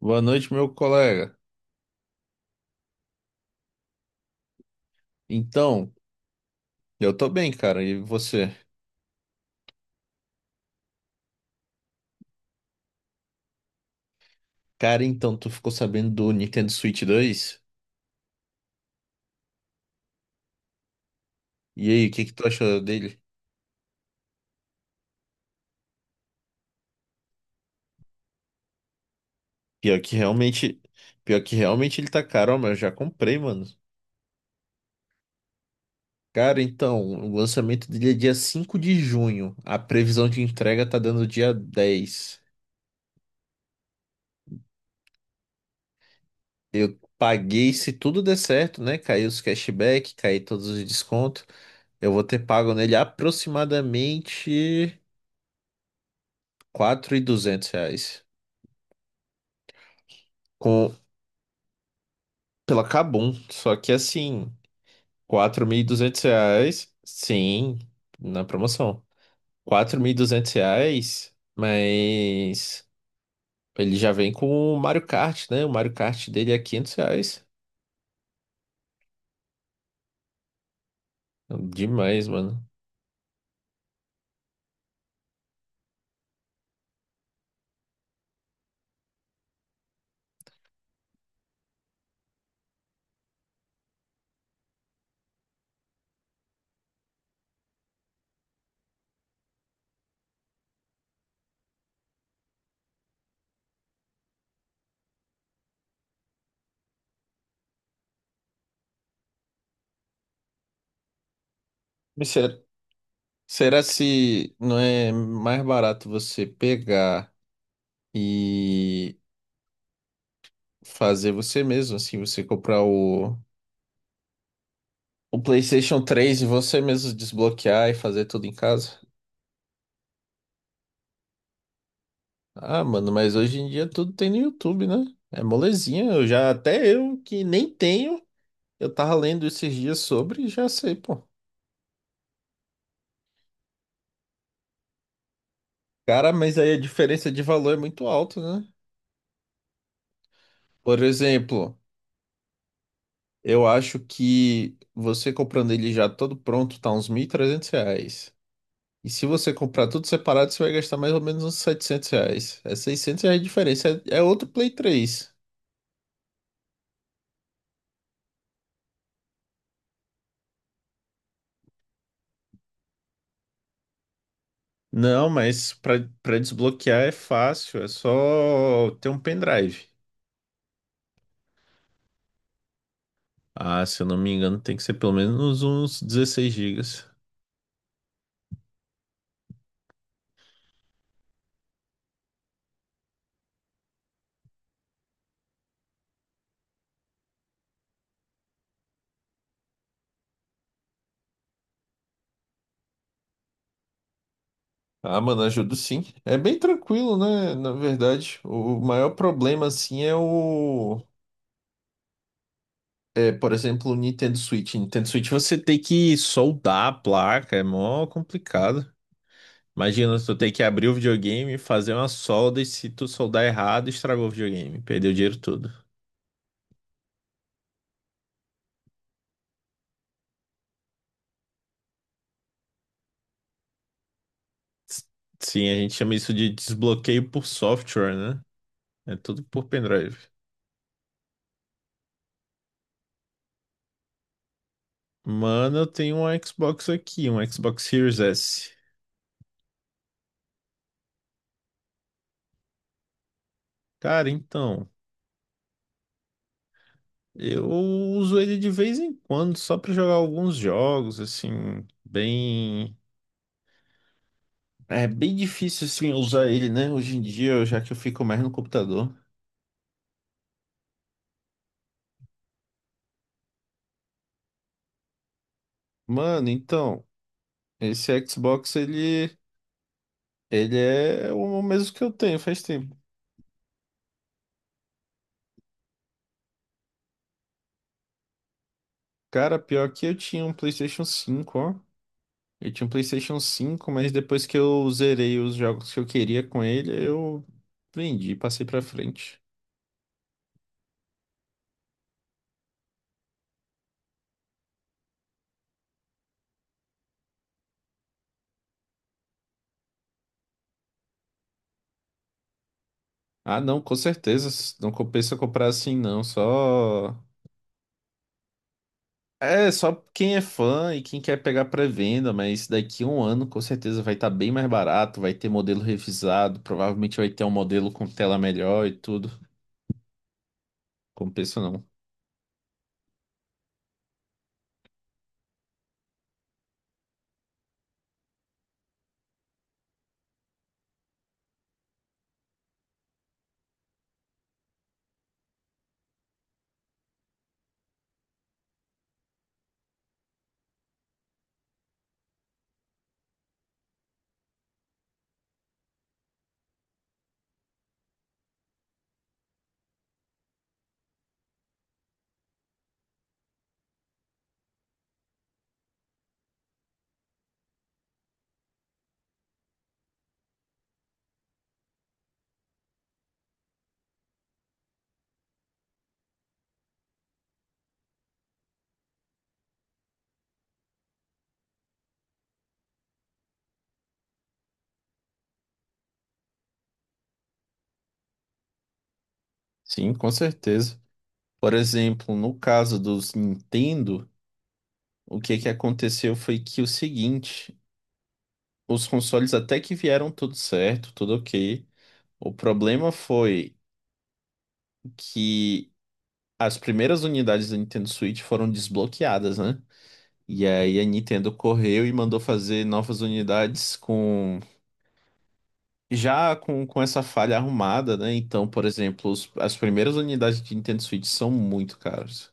Boa noite, meu colega. Então, eu tô bem, cara. E você? Cara, então, tu ficou sabendo do Nintendo Switch 2? E aí, o que que tu achou dele? Pior que realmente, pior que realmente ele tá caro, ó, mas eu já comprei, mano. Cara, então, o lançamento dele é dia 5 de junho. A previsão de entrega tá dando dia 10. Eu paguei, se tudo der certo, né? Caiu os cashback, caiu todos os descontos. Eu vou ter pago nele aproximadamente R$ 4.200. Com, pela Kabum. Só que assim, R$ 4.200, sim, na promoção. R$ 4.200, mas ele já vem com o Mario Kart, né? O Mario Kart dele é R$ 500. Demais, mano. Mas será se não é mais barato você pegar e fazer você mesmo, assim, você comprar o PlayStation 3 e você mesmo desbloquear e fazer tudo em casa? Ah, mano, mas hoje em dia tudo tem no YouTube, né? É molezinha. Eu já, até eu que nem tenho, eu tava lendo esses dias sobre e já sei, pô. Cara, mas aí a diferença de valor é muito alta, né? Por exemplo, eu acho que você comprando ele já todo pronto tá uns R$ 1.300. E se você comprar tudo separado, você vai gastar mais ou menos uns R$ 700. É R$ 600 de diferença. É, é outro Play 3. Não, mas pra desbloquear é fácil. É só ter um pendrive. Ah, se eu não me engano, tem que ser pelo menos uns 16 gigas. Ah, mano, ajudo sim. É bem tranquilo, né? Na verdade, o maior problema, assim, é o. É, por exemplo, o Nintendo Switch. Nintendo Switch você tem que soldar a placa, é mó complicado. Imagina, tu tem que abrir o videogame, fazer uma solda e se tu soldar errado, estragou o videogame, perdeu o dinheiro todo. S- Sim, a gente chama isso de desbloqueio por software, né? É tudo por pendrive. Mano, eu tenho um Xbox aqui, um Xbox Series S. Cara, então, eu uso ele de vez em quando só pra jogar alguns jogos, assim, bem. É bem difícil, assim, usar ele, né? Hoje em dia, já que eu fico mais no computador. Mano, então, esse Xbox, ele é o mesmo que eu tenho faz tempo. Cara, pior que eu tinha um PlayStation 5, ó. Eu tinha um PlayStation cinco, mas depois que eu zerei os jogos que eu queria com ele, eu vendi, passei pra frente. Ah, não, com certeza. Não compensa comprar assim, não. Só. É, só quem é fã e quem quer pegar pré-venda, mas daqui a um ano com certeza vai estar bem mais barato, vai ter modelo revisado, provavelmente vai ter um modelo com tela melhor e tudo. Compensa não. Sim, com certeza. Por exemplo, no caso dos Nintendo, o que que aconteceu foi que o seguinte. Os consoles até que vieram tudo certo, tudo ok. O problema foi que as primeiras unidades da Nintendo Switch foram desbloqueadas, né? E aí a Nintendo correu e mandou fazer novas unidades com já com essa falha arrumada, né? Então, por exemplo, as primeiras unidades de Nintendo Switch são muito caras.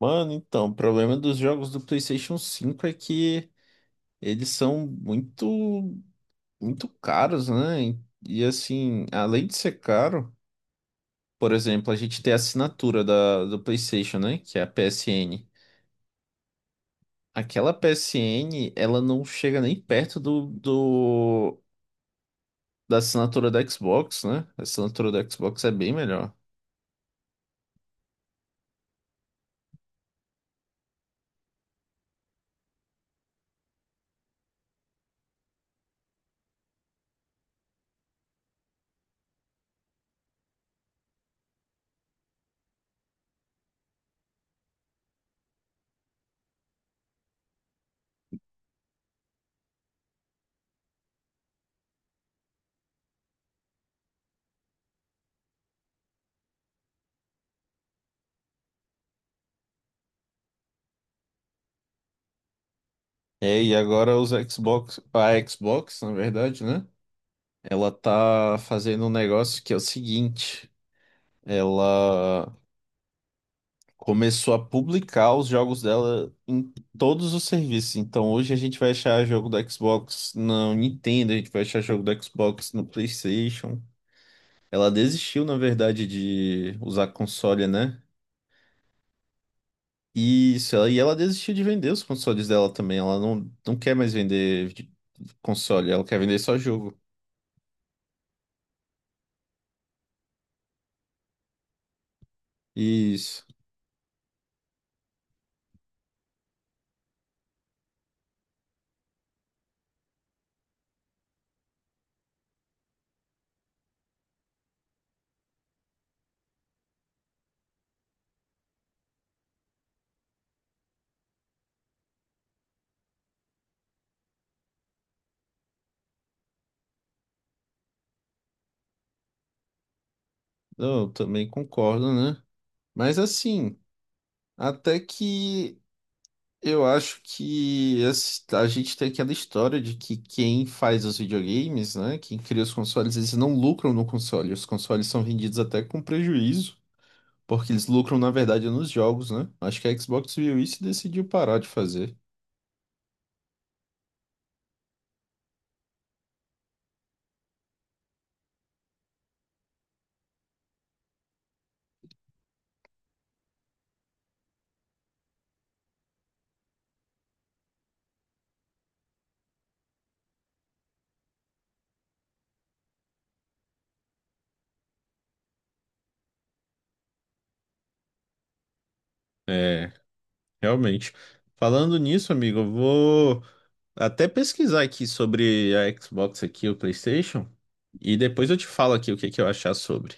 Mano, então, o problema dos jogos do PlayStation 5 é que eles são muito muito caros, né? E assim, além de ser caro, por exemplo, a gente tem a assinatura do PlayStation, né? Que é a PSN. Aquela PSN, ela não chega nem perto do da assinatura da Xbox, né? A assinatura da Xbox é bem melhor. É, e agora os Xbox, a Xbox, na verdade, né? Ela tá fazendo um negócio que é o seguinte, ela começou a publicar os jogos dela em todos os serviços. Então hoje a gente vai achar jogo do Xbox no Nintendo, a gente vai achar jogo do Xbox no PlayStation. Ela desistiu, na verdade, de usar console, né? Isso, ela, e ela desistiu de vender os consoles dela também. Ela não quer mais vender console, ela quer vender só jogo. Isso. Não, eu também concordo, né? Mas assim, até que eu acho que a gente tem aquela história de que quem faz os videogames, né, quem cria os consoles, eles não lucram no console. Os consoles são vendidos até com prejuízo, porque eles lucram, na verdade, nos jogos, né? Acho que a Xbox viu isso e decidiu parar de fazer. É, realmente. Falando nisso, amigo, eu vou até pesquisar aqui sobre a Xbox aqui, o PlayStation, e depois eu te falo aqui o que que eu achar sobre.